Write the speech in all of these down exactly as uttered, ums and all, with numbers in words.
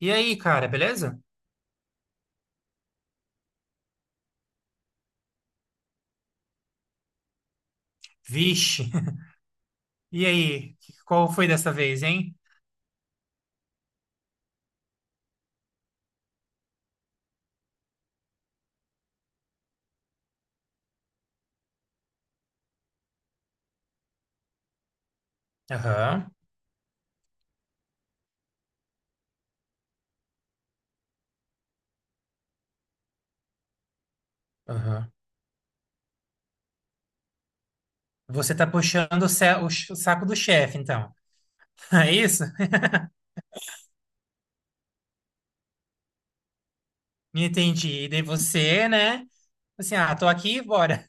E aí, cara, beleza? Vixe. E aí, qual foi dessa vez, hein? Aham, aham. Você tá puxando o, ce- o ch- o saco do chefe, então. É isso? Me entendi. E daí você, né? Assim, ah, tô aqui, bora.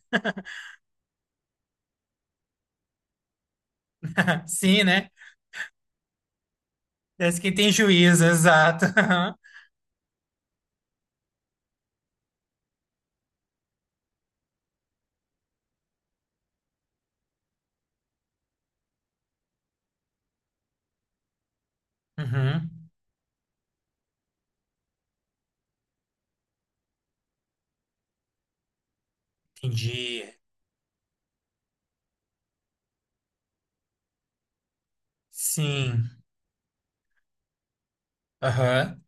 Sim, né? Parece que tem juízo, exato. Uhum, entendi. Sim. Aham,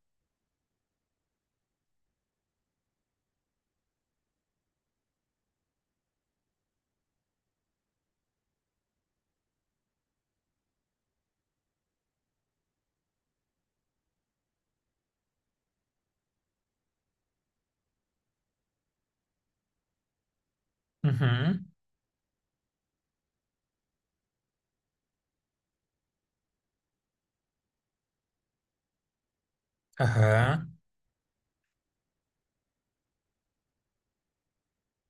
uhum, aham.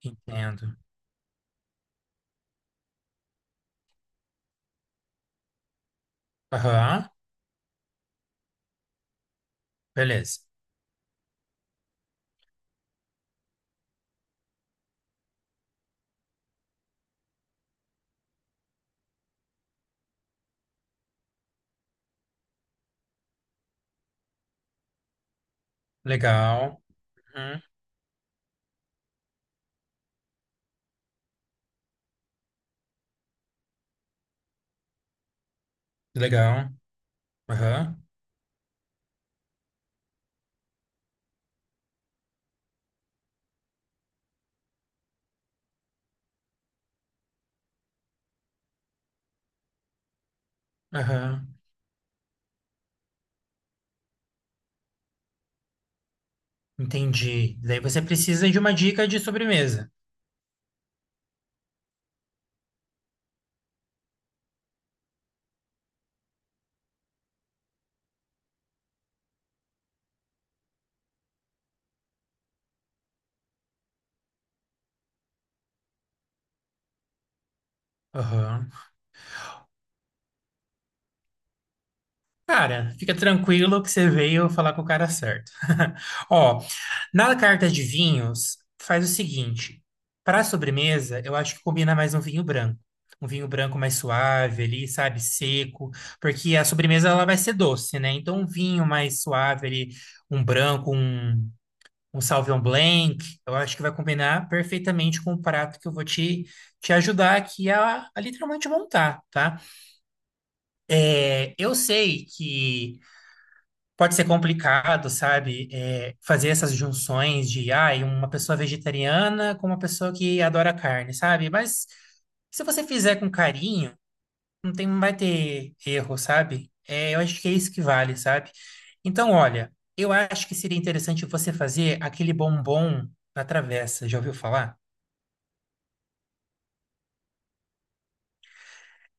Entendo. Aham, beleza. Legal. Uhum, legal. Aham, aham. Entendi. Daí você precisa de uma dica de sobremesa. Aham. Cara, fica tranquilo que você veio falar com o cara certo. Ó, na carta de vinhos, faz o seguinte: para sobremesa, eu acho que combina mais um vinho branco. Um vinho branco mais suave ali, sabe? Seco. Porque a sobremesa ela vai ser doce, né? Então, um vinho mais suave ali, um branco, um um Sauvignon Blanc, eu acho que vai combinar perfeitamente com o prato que eu vou te, te ajudar aqui a, a literalmente montar, tá? É, eu sei que pode ser complicado, sabe, é, fazer essas junções de, ah, uma pessoa vegetariana com uma pessoa que adora carne, sabe? Mas se você fizer com carinho, não tem, não vai ter erro, sabe? É, eu acho que é isso que vale, sabe? Então, olha, eu acho que seria interessante você fazer aquele bombom na travessa, já ouviu falar?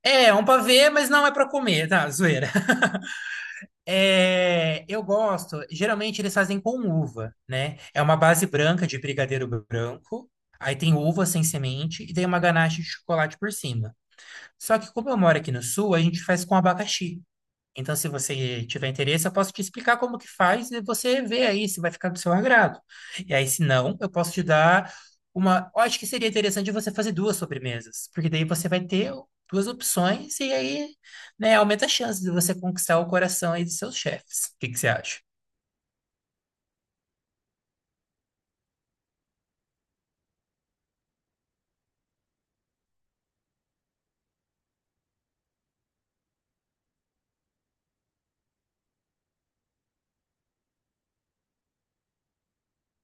É, é um pavê, mas não é para comer, tá? Zoeira. É, eu gosto, geralmente eles fazem com uva, né? É uma base branca de brigadeiro branco, aí tem uva sem semente e tem uma ganache de chocolate por cima. Só que como eu moro aqui no sul, a gente faz com abacaxi. Então, se você tiver interesse, eu posso te explicar como que faz e você vê aí se vai ficar do seu agrado. E aí, se não, eu posso te dar uma. Eu acho que seria interessante você fazer duas sobremesas, porque daí você vai ter duas opções e aí, né, aumenta a chance de você conquistar o coração aí dos seus chefes. O que que você acha?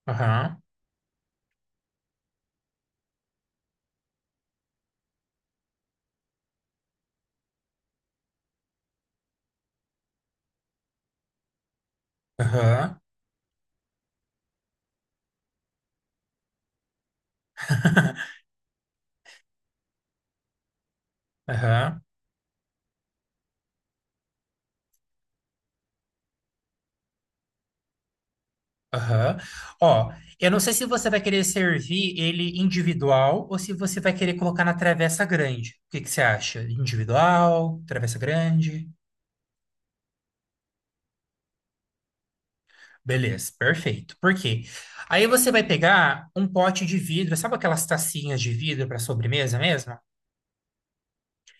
Aham, aham, aham. Aham. Ó, eu não sei se você vai querer servir ele individual ou se você vai querer colocar na travessa grande. O que que você acha? Individual, travessa grande? Beleza, perfeito. Por quê? Aí você vai pegar um pote de vidro, sabe aquelas tacinhas de vidro para sobremesa mesmo?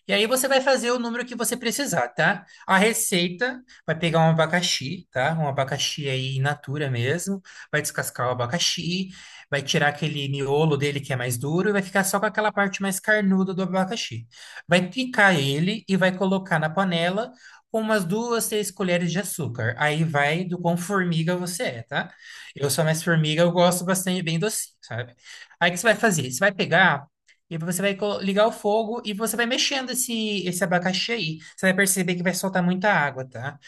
E aí você vai fazer o número que você precisar, tá? A receita vai pegar um abacaxi, tá? Um abacaxi aí in natura mesmo. Vai descascar o abacaxi, vai tirar aquele miolo dele que é mais duro e vai ficar só com aquela parte mais carnuda do abacaxi. Vai picar ele e vai colocar na panela com umas duas, três colheres de açúcar. Aí vai do quão formiga você é, tá? Eu sou mais formiga, eu gosto bastante bem docinho, sabe? Aí o que você vai fazer? Você vai pegar e aí você vai colo- ligar o fogo e você vai mexendo esse, esse abacaxi aí. Você vai perceber que vai soltar muita água, tá?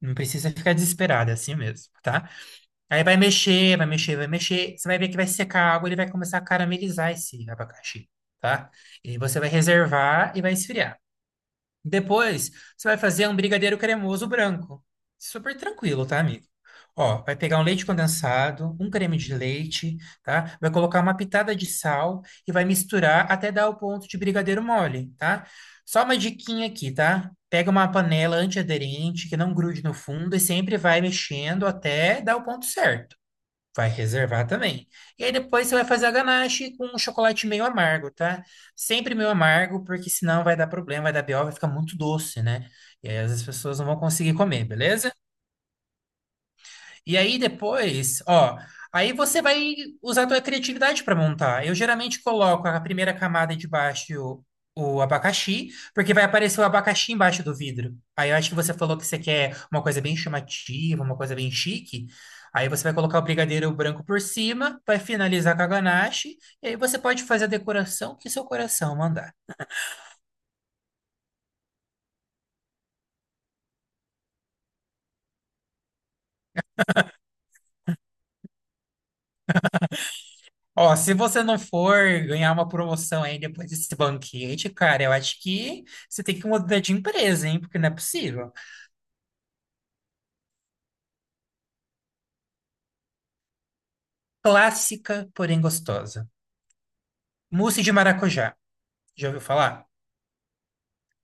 Não precisa ficar desesperado, é assim mesmo, tá? Aí vai mexer, vai mexer, vai mexer. Você vai ver que vai secar a água, ele vai começar a caramelizar esse abacaxi, tá? E você vai reservar e vai esfriar. Depois, você vai fazer um brigadeiro cremoso branco. Super tranquilo, tá, amigo? Ó, vai pegar um leite condensado, um creme de leite, tá? Vai colocar uma pitada de sal e vai misturar até dar o ponto de brigadeiro mole, tá? Só uma diquinha aqui, tá? Pega uma panela antiaderente que não grude no fundo e sempre vai mexendo até dar o ponto certo. Vai reservar também. E aí depois você vai fazer a ganache com um chocolate meio amargo, tá? Sempre meio amargo, porque senão vai dar problema, vai dar B O, vai ficar muito doce, né? E aí às vezes as pessoas não vão conseguir comer, beleza? E aí depois, ó, aí você vai usar a tua criatividade para montar. Eu geralmente coloco a primeira camada de baixo o, o abacaxi, porque vai aparecer o abacaxi embaixo do vidro. Aí eu acho que você falou que você quer uma coisa bem chamativa, uma coisa bem chique. Aí você vai colocar o brigadeiro branco por cima, vai finalizar com a ganache, e aí você pode fazer a decoração que seu coração mandar. Ó, se você não for ganhar uma promoção aí depois desse banquete, cara, eu acho que você tem que mudar de empresa, hein? Porque não é possível. Clássica, porém gostosa. Mousse de maracujá. Já ouviu falar?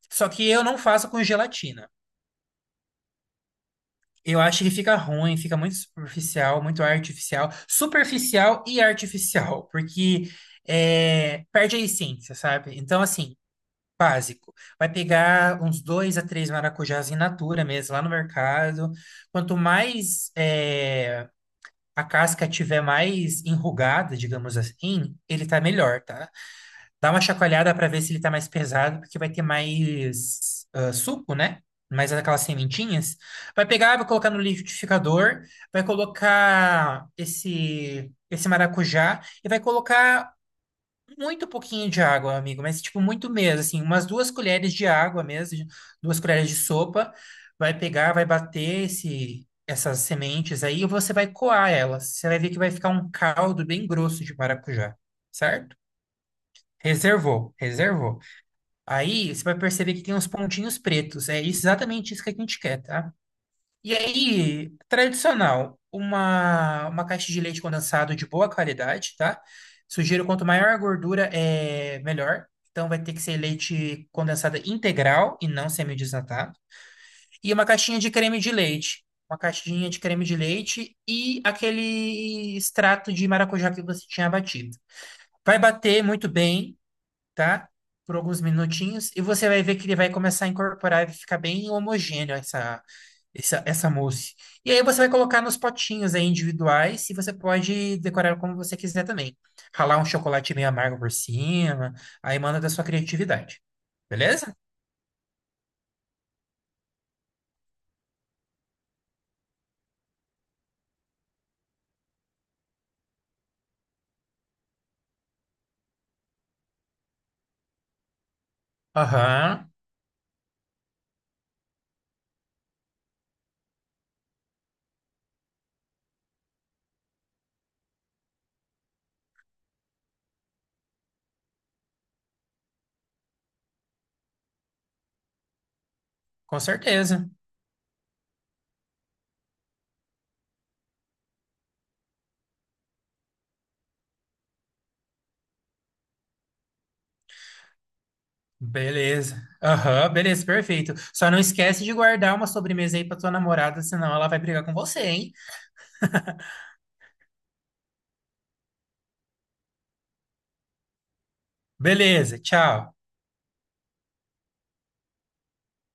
Só que eu não faço com gelatina. Eu acho que fica ruim, fica muito superficial, muito artificial. Superficial e artificial, porque é, perde a essência, sabe? Então, assim. Básico. Vai pegar uns dois a três maracujás in natura mesmo, lá no mercado. Quanto mais eh, a casca tiver mais enrugada, digamos assim, ele tá melhor, tá? Dá uma chacoalhada para ver se ele tá mais pesado, porque vai ter mais ah, suco, né? Mais aquelas sementinhas. Vai pegar, vai colocar no liquidificador, vai colocar esse, esse maracujá e vai colocar muito pouquinho de água, amigo, mas tipo muito mesmo, assim, umas duas colheres de água mesmo, duas colheres de sopa, vai pegar, vai bater esse, essas sementes aí e você vai coar elas. Você vai ver que vai ficar um caldo bem grosso de maracujá, certo? Reservou, reservou. Aí você vai perceber que tem uns pontinhos pretos, é isso- exatamente isso que a gente quer, tá? E aí, tradicional, uma, uma caixa de leite condensado de boa qualidade, tá? Sugiro quanto maior a gordura, é melhor. Então vai ter que ser leite condensado integral e não semi-desnatado. E uma caixinha de creme de leite. Uma caixinha de creme de leite e aquele extrato de maracujá que você tinha batido. Vai bater muito bem tá? Por alguns minutinhos, e você vai ver que ele vai começar a incorporar e ficar bem homogêneo essa, essa, essa mousse. E aí você vai colocar nos potinhos aí individuais e você pode decorar como você quiser também. Ralar um chocolate meio amargo por cima, aí manda da sua criatividade. Beleza? Aham, com certeza. Beleza. Aham, beleza, perfeito. Só não esquece de guardar uma sobremesa aí pra tua namorada, senão ela vai brigar com você, hein? Beleza, tchau.